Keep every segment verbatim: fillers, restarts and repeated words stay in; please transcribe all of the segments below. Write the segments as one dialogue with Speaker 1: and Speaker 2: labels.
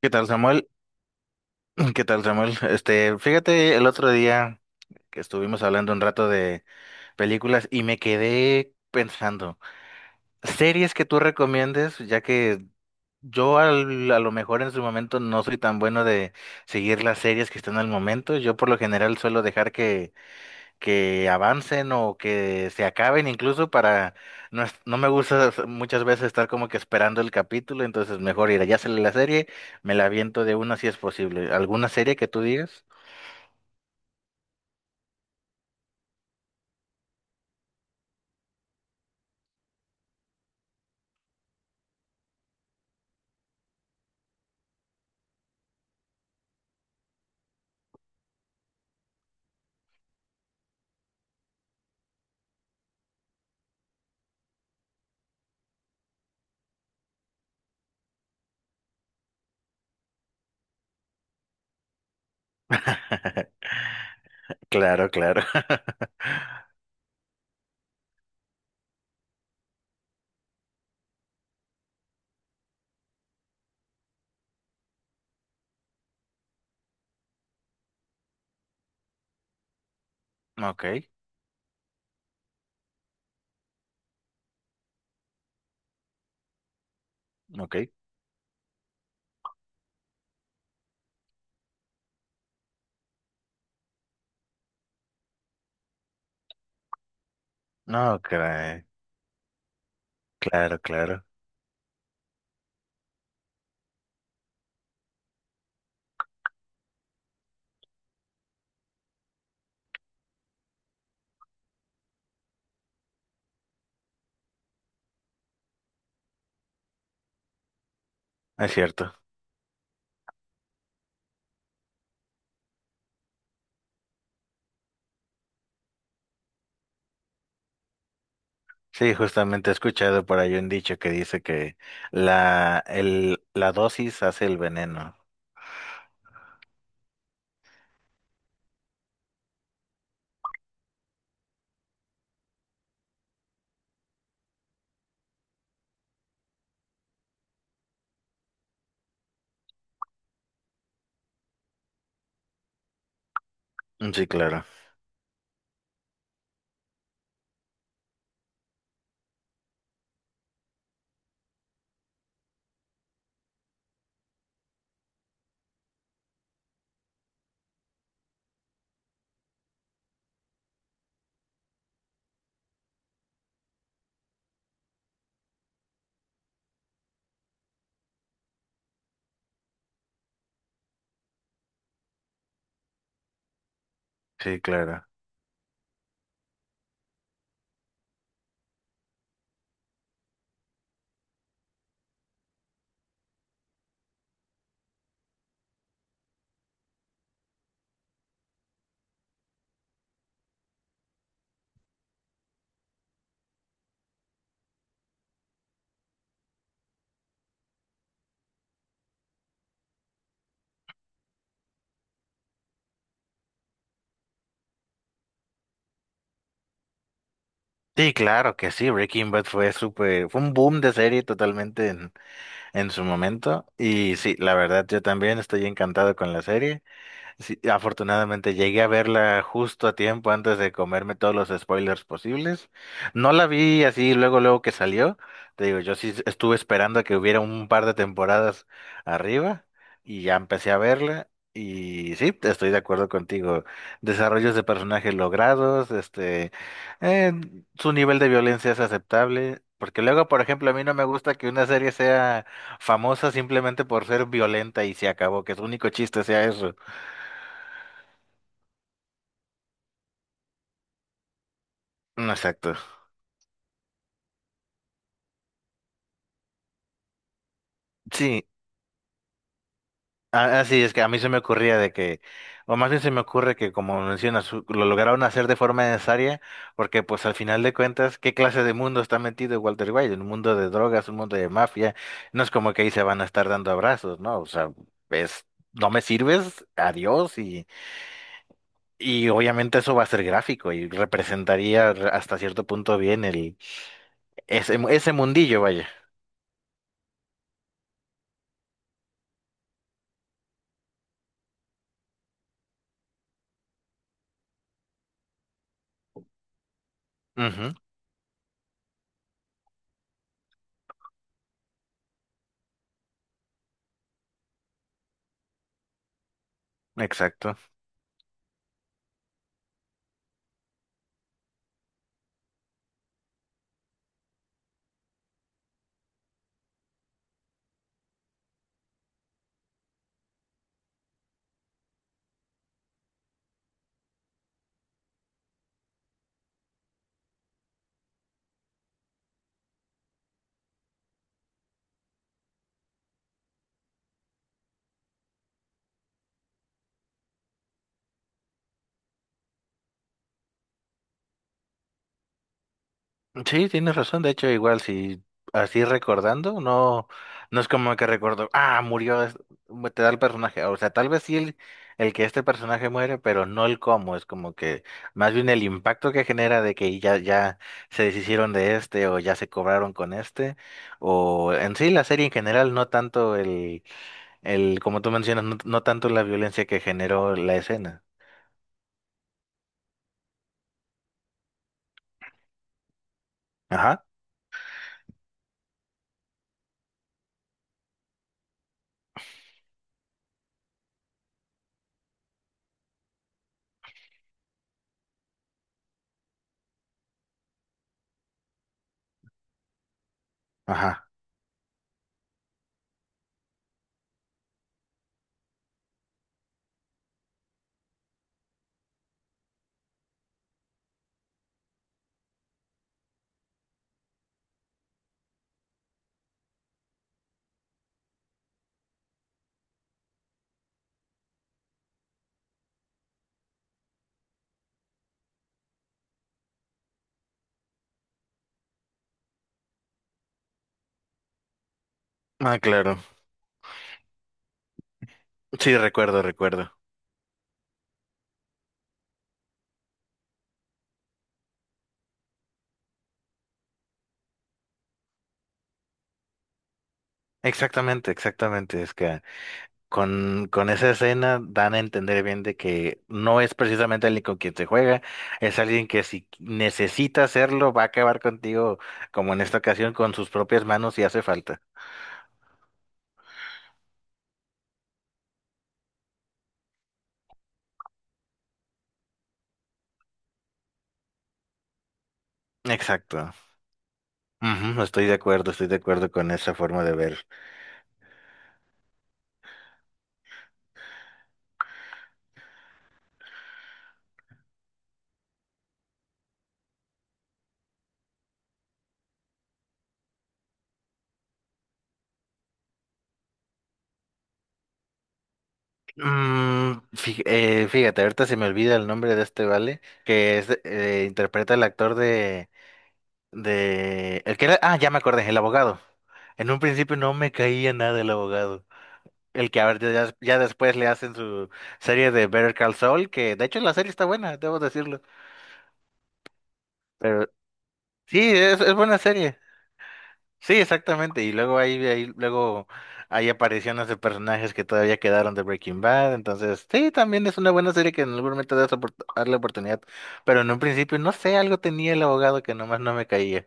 Speaker 1: ¿Qué tal, Samuel? ¿Qué tal, Samuel? Este, fíjate, el otro día que estuvimos hablando un rato de películas y me quedé pensando, series que tú recomiendes, ya que yo al- a lo mejor en su momento no soy tan bueno de seguir las series que están al momento. Yo por lo general suelo dejar que que avancen o que se acaben incluso para no, es- no me gusta muchas veces estar como que esperando el capítulo, entonces mejor ir, ya sale la serie, me la aviento de una si es posible. ¿Alguna serie que tú digas? Claro, claro. Ok, ok. No, caray. Claro, claro. Es cierto. Sí, justamente he escuchado por ahí un dicho que dice que la, el, la dosis hace el veneno. Sí, claro. Sí, claro. Sí, claro que sí, Breaking Bad fue súper, fue un boom de serie totalmente en, en su momento. Y sí, la verdad, yo también estoy encantado con la serie. Sí, afortunadamente llegué a verla justo a tiempo antes de comerme todos los spoilers posibles. No la vi así luego, luego que salió. Te digo, yo sí estuve esperando a que hubiera un par de temporadas arriba y ya empecé a verla. Y sí, estoy de acuerdo contigo. Desarrollos de personajes logrados, este, eh, su nivel de violencia es aceptable. Porque luego, por ejemplo, a mí no me gusta que una serie sea famosa simplemente por ser violenta y se acabó, que su único chiste sea eso. Mm, exacto. Sí, a- así es que a mí se me ocurría de que, o más bien se me ocurre que como mencionas, u- lo lograron hacer de forma necesaria, porque pues al final de cuentas, ¿qué clase de mundo está metido Walter White? Un mundo de drogas, un mundo de mafia, no es como que ahí se van a estar dando abrazos, ¿no? O sea, es, no me sirves, adiós, y, y obviamente eso va a ser gráfico y representaría re- hasta cierto punto bien el, ese, ese mundillo, vaya. Ujú, exacto. Sí, tienes razón. De hecho, igual si así recordando, no, no es como que recuerdo, ah, murió, es- te da el personaje. O sea, tal vez sí el, el que este personaje muere, pero no el cómo. Es como que más bien el impacto que genera de que ya, ya se deshicieron de este o ya se cobraron con este. O en sí la serie en general, no tanto el, el, como tú mencionas, no, no tanto la violencia que generó la escena. Ajá, ajá. Ah, claro. Sí, recuerdo, recuerdo. Exactamente, exactamente, es que Con, con esa escena dan a entender bien de que no es precisamente alguien con quien se juega, es alguien que si necesita hacerlo va a acabar contigo, como en esta ocasión, con sus propias manos si hace falta. Exacto. Ujú, estoy de acuerdo, estoy de acuerdo con esa forma de ver. Mm, fí- eh, fíjate, ahorita se me olvida el nombre de este vale, que es, eh, interpreta el actor de, de, el que era, ah, ya me acordé, el abogado. En un principio no me caía nada el abogado. El que a ver, ya, ya después le hacen su serie de Better Call Saul, que de hecho la serie está buena, debo decirlo. Pero sí, es, es buena serie. Sí, exactamente. Y luego ahí, ahí, luego hay apariciones de personajes que todavía quedaron de Breaking Bad. Entonces, sí, también es una buena serie que en algún momento debes opor- darle oportunidad. Pero en un principio, no sé, algo tenía el abogado que nomás no me caía.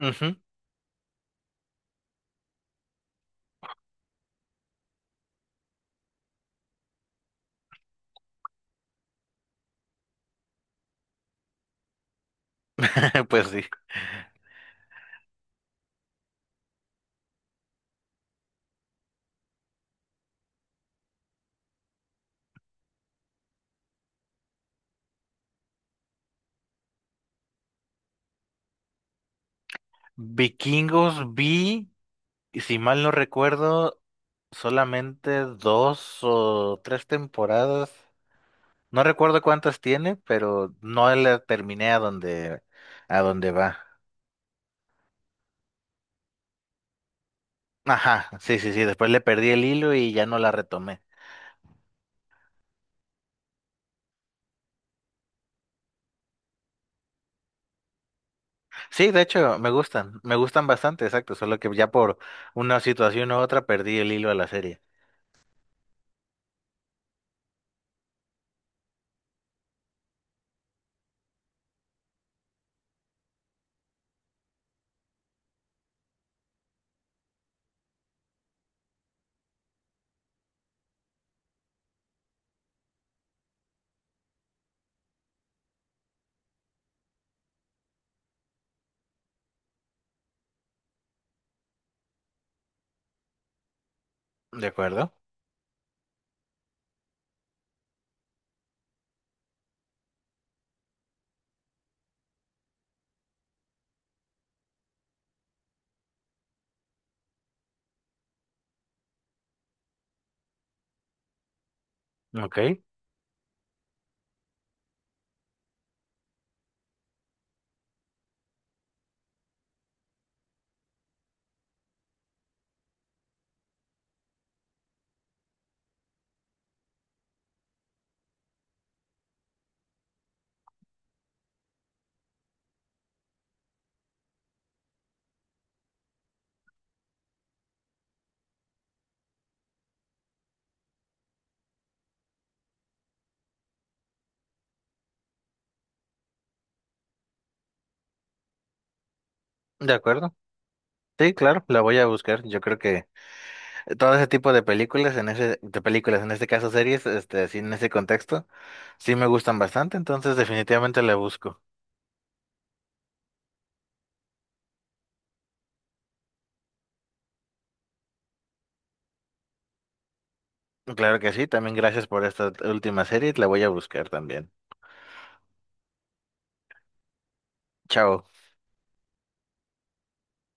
Speaker 1: Ujú, pues sí. Vikingos vi. Y si mal no recuerdo, solamente dos o tres temporadas. No recuerdo cuántas tiene, pero no la terminé a donde, a donde va. Ajá, sí, sí, sí. Después le perdí el hilo y ya no la retomé. Sí, de hecho, me gustan, me gustan bastante, exacto. Solo que ya por una situación u otra perdí el hilo a la serie. ¿De acuerdo? Ok, de acuerdo. Sí, claro, la voy a buscar. Yo creo que todo ese tipo de películas, en ese, de películas, en este caso series, este, sí, en ese contexto, sí me gustan bastante, entonces definitivamente la busco. Claro que sí, también gracias por esta última serie, la voy a buscar también. Chao.